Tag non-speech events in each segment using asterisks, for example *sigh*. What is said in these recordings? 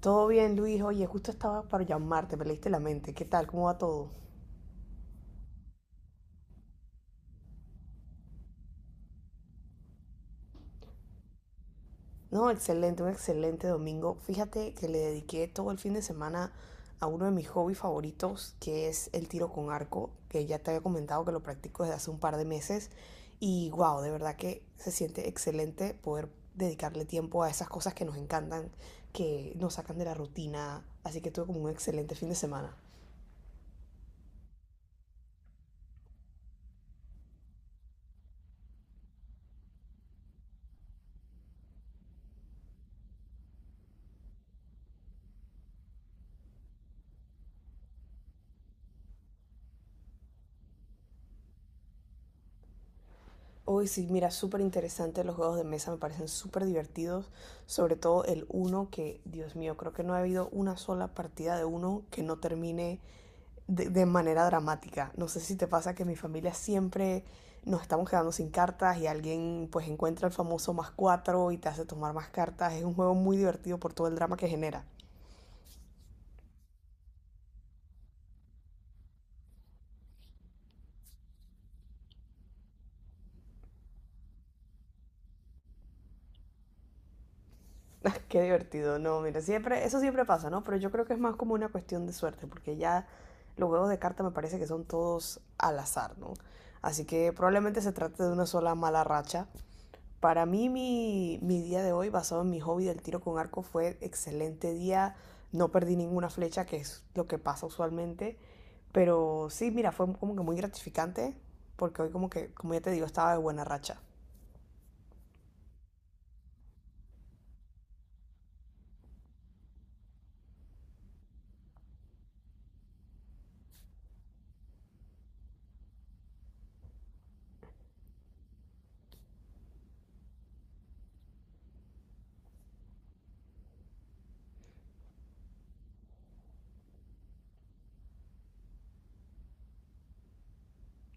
Todo bien, Luis. Oye, justo estaba para llamarte, me leíste la mente. ¿Qué tal? ¿Cómo va todo? No, excelente, un excelente domingo. Fíjate que le dediqué todo el fin de semana a uno de mis hobbies favoritos, que es el tiro con arco, que ya te había comentado que lo practico desde hace un par de meses. Y wow, de verdad que se siente excelente poder dedicarle tiempo a esas cosas que nos encantan, que nos sacan de la rutina. Así que tuve como un excelente fin de semana. Uy, sí, mira, súper interesante. Los juegos de mesa me parecen súper divertidos. Sobre todo el uno, que, Dios mío, creo que no ha habido una sola partida de uno que no termine de manera dramática. No sé si te pasa que en mi familia siempre nos estamos quedando sin cartas y alguien pues encuentra el famoso más cuatro y te hace tomar más cartas. Es un juego muy divertido por todo el drama que genera. *laughs* Qué divertido, no, mira, siempre, eso siempre pasa, ¿no? Pero yo creo que es más como una cuestión de suerte, porque ya los juegos de carta me parece que son todos al azar, ¿no? Así que probablemente se trate de una sola mala racha. Para mí, mi día de hoy, basado en mi hobby del tiro con arco, fue excelente día. No perdí ninguna flecha, que es lo que pasa usualmente. Pero sí, mira, fue como que muy gratificante, porque hoy como que, como ya te digo, estaba de buena racha.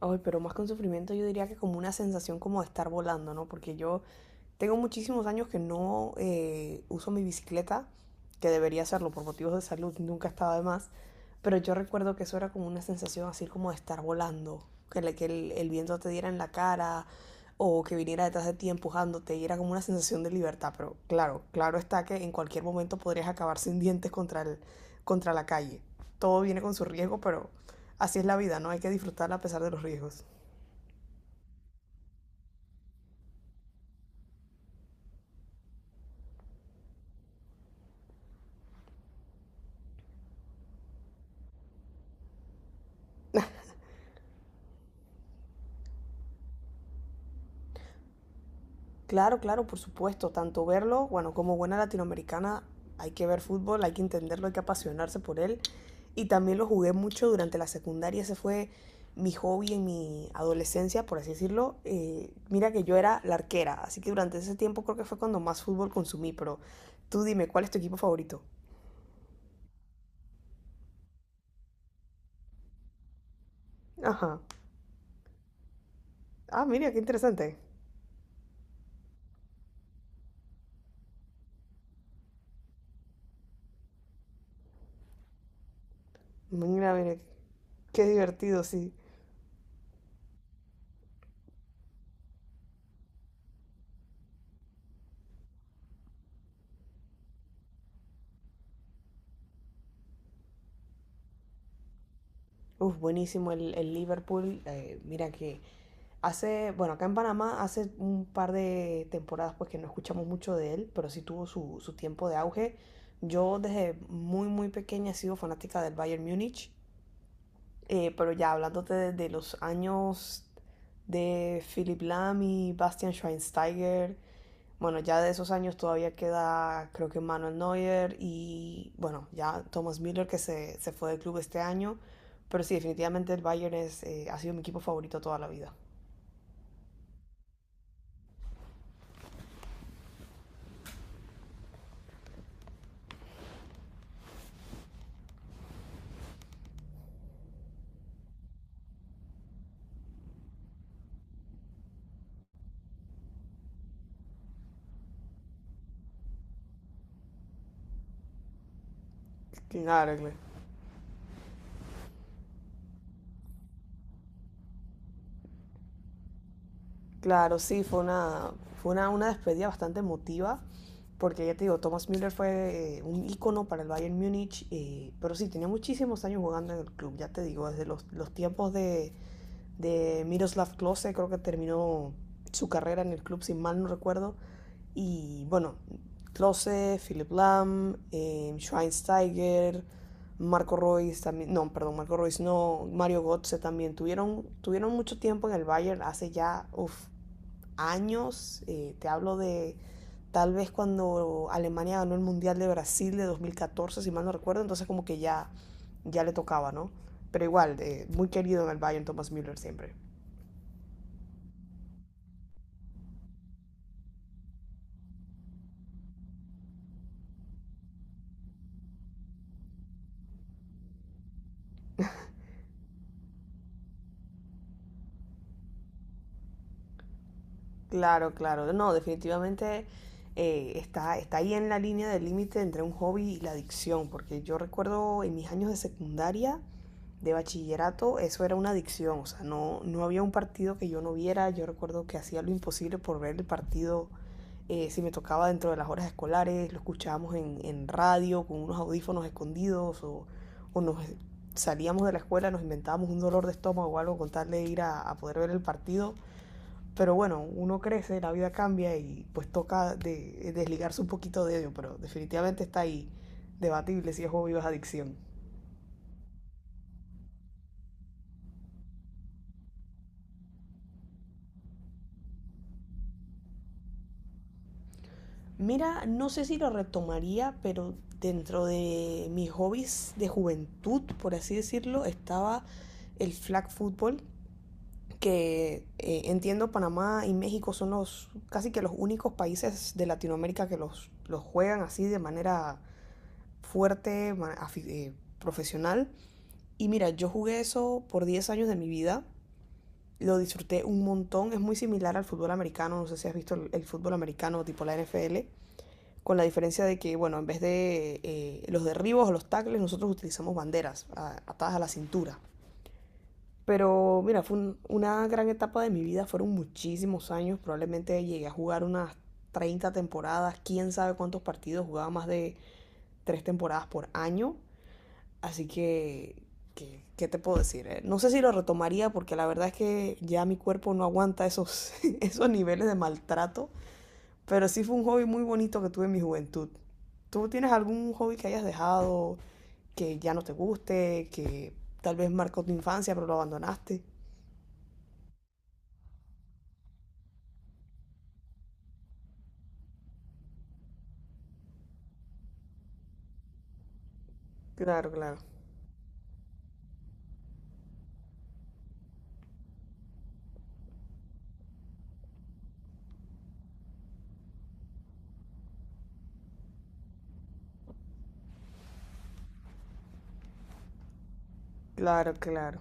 Ay, pero más que un sufrimiento, yo diría que como una sensación como de estar volando, ¿no? Porque yo tengo muchísimos años que no uso mi bicicleta, que debería hacerlo por motivos de salud, nunca estaba de más. Pero yo recuerdo que eso era como una sensación así como de estar volando, que el viento te diera en la cara o que viniera detrás de ti empujándote y era como una sensación de libertad. Pero claro, claro está que en cualquier momento podrías acabar sin dientes contra la calle. Todo viene con su riesgo, pero así es la vida, ¿no? Hay que disfrutarla a pesar de los riesgos. Claro, claro, por supuesto. Tanto verlo, bueno, como buena latinoamericana, hay que ver fútbol, hay que entenderlo, hay que apasionarse por él. Y también lo jugué mucho durante la secundaria. Ese fue mi hobby en mi adolescencia, por así decirlo. Mira que yo era la arquera, así que durante ese tiempo creo que fue cuando más fútbol consumí. Pero tú dime, ¿cuál es tu equipo favorito? Ajá. Ah, mira, qué interesante. Mira, mira, qué divertido, sí. Uf, buenísimo el Liverpool. Mira que hace, bueno, acá en Panamá hace un par de temporadas pues que no escuchamos mucho de él, pero sí tuvo su tiempo de auge. Yo desde muy, muy pequeña he sido fanática del Bayern Múnich, pero ya hablándote de los años de Philipp Lahm y Bastian Schweinsteiger, bueno, ya de esos años todavía queda, creo que Manuel Neuer y, bueno, ya Thomas Müller que se fue del club este año. Pero sí, definitivamente el Bayern es, ha sido mi equipo favorito toda la vida. Claro, claro. Claro, sí, fue una despedida bastante emotiva, porque ya te digo, Thomas Müller fue un ícono para el Bayern Múnich, pero sí, tenía muchísimos años jugando en el club, ya te digo, desde los tiempos de Miroslav Klose, creo que terminó su carrera en el club, si mal no recuerdo. Y bueno, Klose, Philip Lahm, Schweinsteiger, Marco Reus también, no, perdón, Marco Reus no, Mario Götze también, tuvieron mucho tiempo en el Bayern, hace ya uf, años, te hablo de tal vez cuando Alemania ganó el Mundial de Brasil de 2014 si mal no recuerdo, entonces como que ya, ya le tocaba, ¿no? Pero igual, muy querido en el Bayern Thomas Müller siempre. Claro, claro. No, definitivamente está ahí en la línea del límite entre un hobby y la adicción, porque yo recuerdo en mis años de secundaria, de bachillerato, eso era una adicción, o sea, no, no había un partido que yo no viera, yo recuerdo que hacía lo imposible por ver el partido, si me tocaba dentro de las horas escolares, lo escuchábamos en radio con unos audífonos escondidos o nos salíamos de la escuela, nos inventábamos un dolor de estómago o algo con tal de ir a poder ver el partido. Pero bueno, uno crece, la vida cambia y pues toca desligarse un poquito de ello, pero definitivamente está ahí, debatible si es hobby o es adicción. Mira, no sé si lo retomaría, pero dentro de mis hobbies de juventud, por así decirlo, estaba el flag football, que entiendo Panamá y México son los casi que los únicos países de Latinoamérica que los juegan así de manera fuerte, eh, profesional. Y mira, yo jugué eso por 10 años de mi vida. Lo disfruté un montón. Es muy similar al fútbol americano. No sé si has visto el fútbol americano tipo la NFL. Con la diferencia de que, bueno, en vez de los derribos o los tackles, nosotros utilizamos banderas atadas a la cintura. Pero mira, fue una gran etapa de mi vida, fueron muchísimos años, probablemente llegué a jugar unas 30 temporadas, quién sabe cuántos partidos, jugaba más de 3 temporadas por año. Así que, ¿qué te puedo decir? No sé si lo retomaría porque la verdad es que ya mi cuerpo no aguanta esos, *laughs* esos niveles de maltrato, pero sí fue un hobby muy bonito que tuve en mi juventud. ¿Tú tienes algún hobby que hayas dejado, que ya no te guste, que tal vez marcó tu infancia pero lo abandonaste? Claro, claro, claro, claro,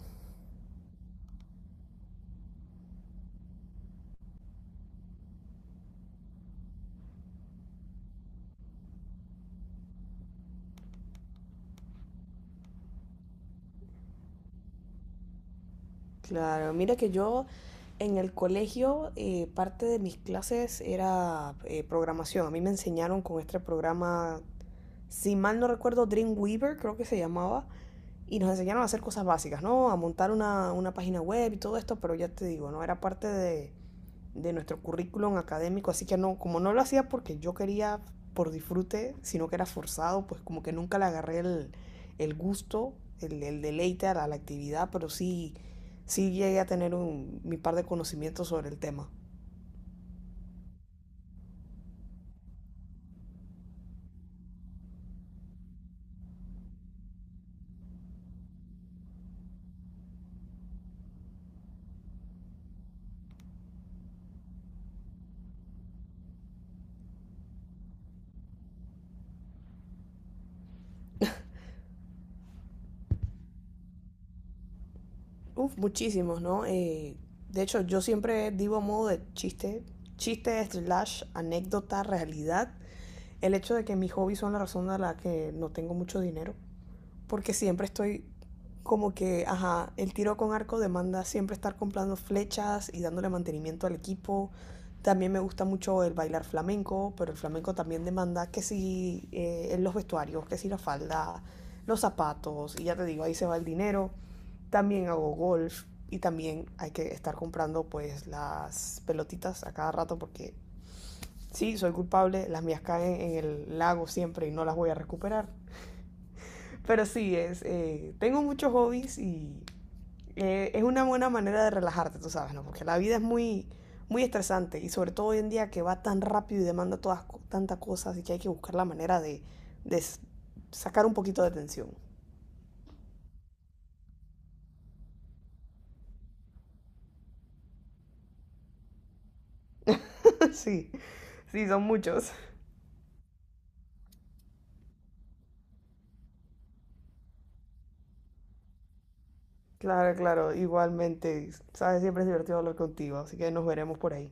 claro. Mira que yo en el colegio, parte de mis clases era, programación. A mí me enseñaron con este programa, si mal no recuerdo, Dreamweaver, creo que se llamaba, y nos enseñaron a hacer cosas básicas, ¿no? A montar una página web y todo esto, pero ya te digo, no era parte de nuestro currículum académico, así que no, como no lo hacía porque yo quería por disfrute, sino que era forzado, pues como que nunca le agarré el gusto, el deleite a la actividad, pero sí, sí llegué a tener mi par de conocimientos sobre el tema. Uf, muchísimos, ¿no? De hecho, yo siempre digo a modo de chiste, chiste slash anécdota, realidad, el hecho de que mis hobbies son la razón de la que no tengo mucho dinero porque siempre estoy como que, ajá, el tiro con arco demanda siempre estar comprando flechas y dándole mantenimiento al equipo. También me gusta mucho el bailar flamenco, pero el flamenco también demanda que si, en los vestuarios, que si la falda, los zapatos, y ya te digo, ahí se va el dinero. También hago golf y también hay que estar comprando pues las pelotitas a cada rato porque sí, soy culpable, las mías caen en el lago siempre y no las voy a recuperar. Pero sí, tengo muchos hobbies y es una buena manera de relajarte, tú sabes, ¿no? Porque la vida es muy, muy estresante y sobre todo hoy en día que va tan rápido y demanda tantas cosas y que hay que buscar la manera de sacar un poquito de tensión. *laughs* Sí, sí, son muchos. Claro, claro, igualmente, sabes, siempre es divertido hablar contigo, así que nos veremos por ahí.